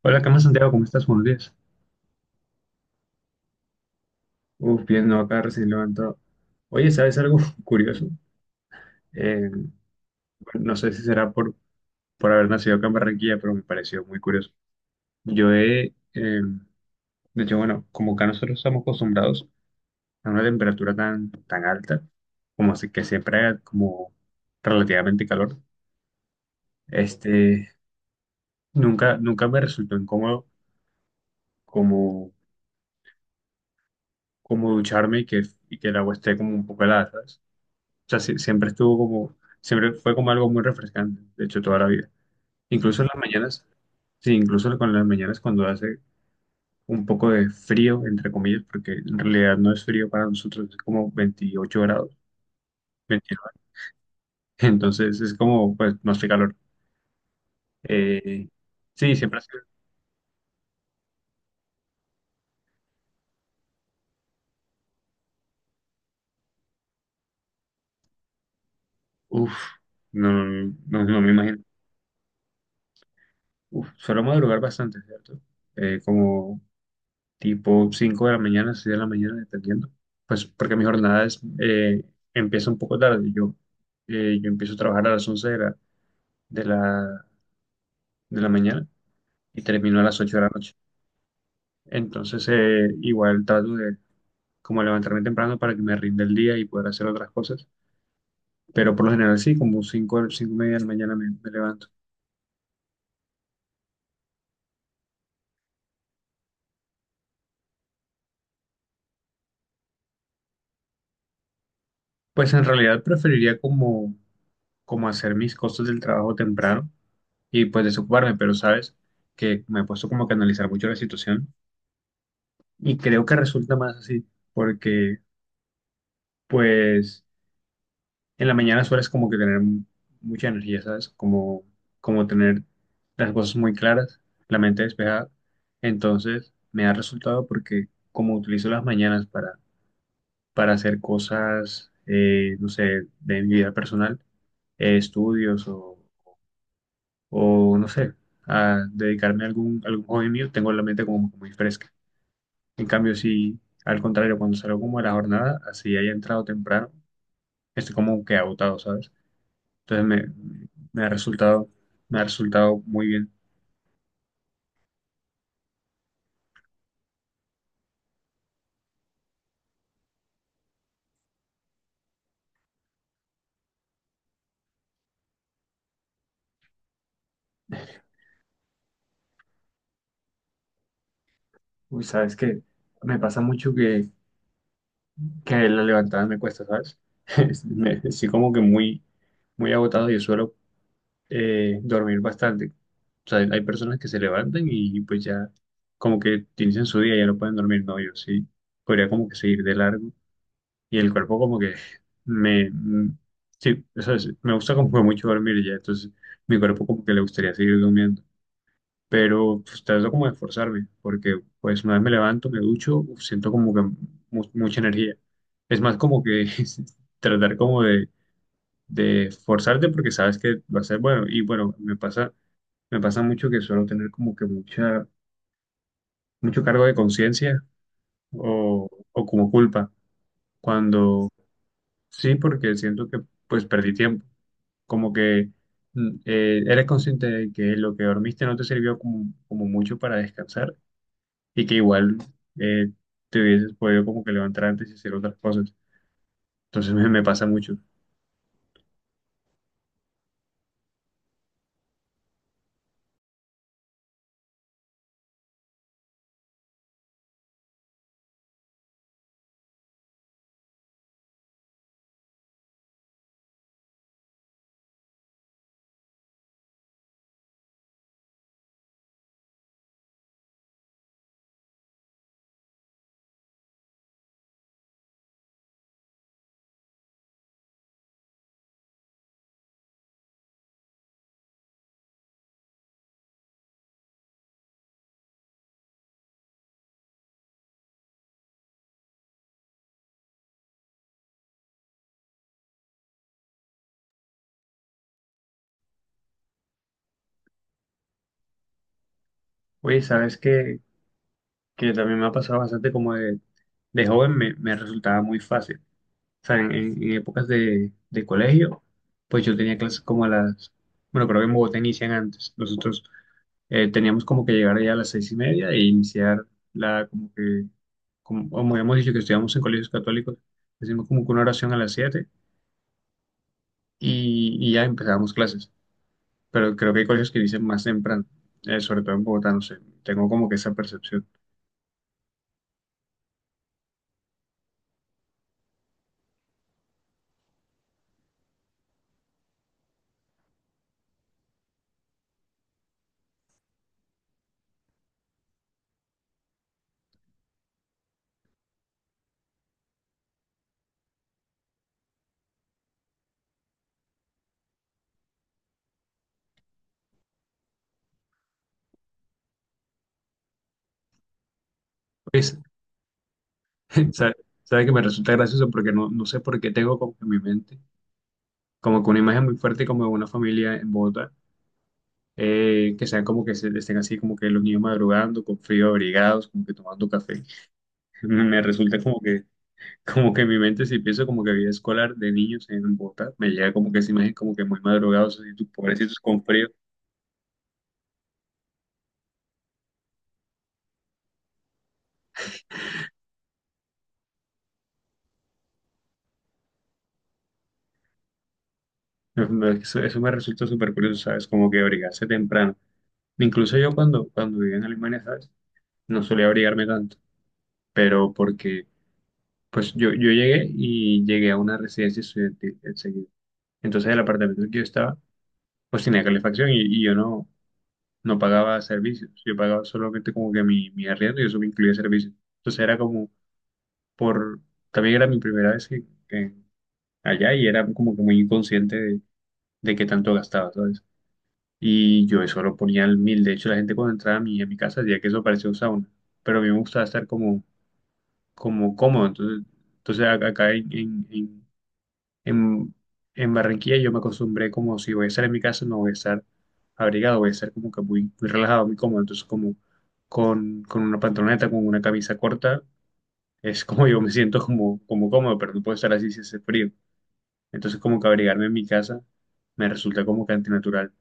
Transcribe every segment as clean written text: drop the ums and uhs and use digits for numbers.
Hola, ¿qué más, Santiago? ¿Cómo estás? Buenos días. Uf, bien, no, acá recién levantado. Oye, ¿sabes algo curioso? Eh, bueno, no sé si será por haber nacido acá en Barranquilla, pero me pareció muy curioso. Yo he, eh, de hecho, bueno, como acá nosotros estamos acostumbrados a una temperatura tan alta, como así que siempre haga como relativamente calor, este, nunca me resultó incómodo como, como ducharme y que el agua esté como un poco helada, ¿sabes? O sea, siempre estuvo siempre fue como algo muy refrescante, de hecho, toda la vida. Incluso en las mañanas, sí, incluso con las mañanas cuando hace un poco de frío, entre comillas, porque en realidad no es frío para nosotros, es como 28 grados, 29. Entonces es como, pues, no hace calor. Eh, sí, siempre uff, no me imagino. Uf, suelo madrugar bastante, ¿cierto? Como tipo 5 de la mañana, 6 de la mañana, dependiendo. Pues porque mi jornada empieza un poco tarde. Yo empiezo a trabajar a las 11 de la, de la, de la mañana y termino a las 8 de la noche. Entonces, igual trato de como levantarme temprano para que me rinda el día y poder hacer otras cosas. Pero por lo general sí, como 5 y media de la mañana me levanto. Pues en realidad preferiría como hacer mis cosas del trabajo temprano y pues desocuparme, pero sabes que me he puesto como que a analizar mucho la situación. Y creo que resulta más así, porque pues en la mañana sueles como que tener mucha energía, ¿sabes? Como tener las cosas muy claras, la mente despejada. Entonces me ha resultado porque como utilizo las mañanas para hacer cosas, no sé, de mi vida personal, estudios, o no sé, a dedicarme a algún hobby mío, tengo la mente como muy fresca. En cambio, si al contrario, cuando salgo como a la jornada, así haya entrado temprano, estoy como que agotado, ¿sabes? Entonces me, Me ha me ha resultado muy bien. Uy, ¿sabes qué? Me pasa mucho que la levantada me cuesta, ¿sabes? Estoy como que muy agotado y suelo dormir bastante. O sea, hay personas que se levantan y pues ya como que inician su día y ya no pueden dormir. No, yo sí podría como que seguir de largo y el cuerpo como que me... mm, sí, o sea, sí, me gusta como que mucho dormir ya, entonces mi cuerpo como que le gustaría seguir durmiendo. Pero pues trato como de esforzarme, porque pues una vez me levanto, me ducho, uf, siento como que mucha energía. Es más como que tratar como de esforzarte porque sabes que va a ser bueno. Y bueno, me pasa mucho que suelo tener como que mucho cargo de conciencia o, o como culpa, cuando sí, porque siento que pues perdí tiempo, como que eres consciente de que lo que dormiste no te sirvió como mucho para descansar y que igual eh, te hubieses podido como que levantar antes y hacer otras cosas. Entonces me pasa mucho. Oye, ¿sabes qué? Que también me ha pasado bastante como de joven me resultaba muy fácil. O sea, en épocas de colegio, pues yo tenía clases como a las, bueno, creo que en Bogotá inician antes. Nosotros teníamos como que llegar ya a las seis y media e iniciar la, como que, como, como habíamos dicho que estudiamos en colegios católicos, hacíamos como que una oración a las siete y ya empezábamos clases. Pero creo que hay colegios que inician más temprano, sobre todo en Bogotá, no sé, tengo como que esa percepción. Pues, ¿sabes que me resulta gracioso? Porque no, no sé por qué tengo como que en mi mente, como que una imagen muy fuerte como de una familia en Bogotá, que sean como que se, estén así como que los niños madrugando, con frío, abrigados, como que tomando café. Me resulta como que en mi mente si pienso como que vida escolar de niños en Bogotá, me llega como que esa imagen como que muy madrugados, así, tú, pobrecitos con frío. Eso me resulta súper curioso, ¿sabes? Como que abrigarse temprano. Incluso yo cuando vivía en Alemania, ¿sabes? No solía abrigarme tanto, pero porque, pues yo llegué y llegué a una residencia estudiantil enseguida. Entonces el apartamento en el que yo estaba, pues tenía calefacción y yo no pagaba servicios, yo pagaba solamente como que mi arriendo y eso me incluía servicios. Entonces era como por, también era mi primera vez que allá y era como que muy inconsciente de qué tanto gastaba, ¿sabes? Y yo eso lo ponía al mil, de hecho la gente cuando entraba a a mi casa decía que eso parecía un sauna, pero a mí me gustaba estar como cómodo. Entonces, entonces a- acá en- en Barranquilla yo me acostumbré como si voy a estar en mi casa, no voy a estar abrigado, voy a estar como que muy relajado, muy cómodo. Entonces como con una pantaloneta, con una camisa corta, es como yo me siento como cómodo, pero no puedo estar así si hace frío. Entonces como que abrigarme en mi casa me resulta como que antinatural.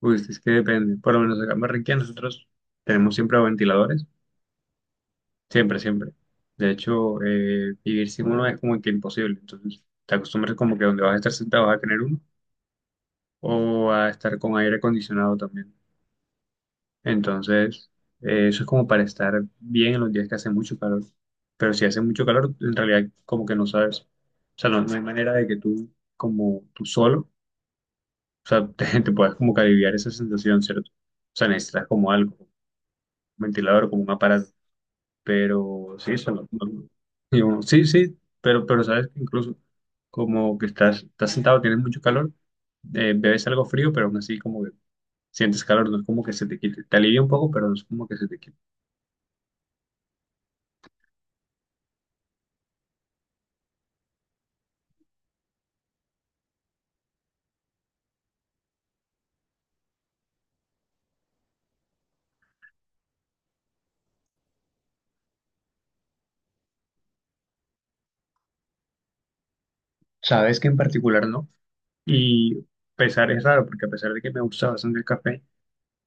Uy, es que depende. Por lo menos acá en Barranquilla nosotros tenemos siempre ventiladores. Siempre, siempre. De hecho, vivir sin uno es como que imposible. Entonces, te acostumbras como que donde vas a estar sentado vas a tener uno o a estar con aire acondicionado también. Entonces, eso es como para estar bien en los días que hace mucho calor. Pero si hace mucho calor, en realidad como que no sabes. O sea, no, no hay manera de que tú, como tú solo, o sea, te puedas como que aliviar esa sensación, ¿cierto? O sea, necesitas como algo, un ventilador, como un aparato. Pero sí, se lo- no- y uno, sí, sí, pero sabes que incluso como que estás sentado, tienes mucho calor, bebes algo frío, pero aún así como que sientes calor, no es como que se te quite, te alivia un poco, pero no es como que se te quite. Sabes que en particular no, y pesar es raro, porque a pesar de que me gusta bastante el café,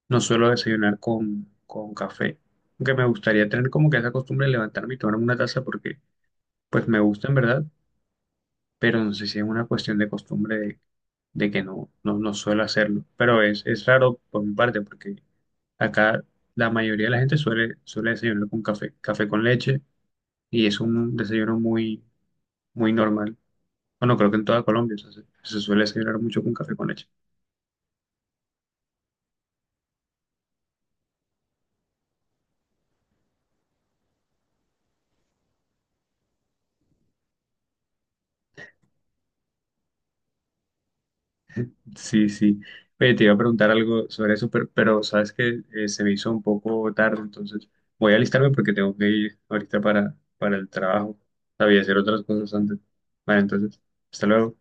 no suelo desayunar con café, aunque me gustaría tener como que esa costumbre de levantarme y tomar una taza porque pues me gusta en verdad, pero no sé si es una cuestión de costumbre de que no suelo hacerlo. Pero es raro por mi parte, porque acá la mayoría de la gente suele desayunar con café, café con leche, y es un desayuno muy normal. Bueno, creo que en toda Colombia o sea, se suele desayunar mucho con café con leche. Sí, sí. Oye, te iba a preguntar algo sobre eso, pero sabes que se me hizo un poco tarde, entonces voy a alistarme porque tengo que ir ahorita para el trabajo. Sabía hacer otras cosas antes. Vale, entonces, hasta luego.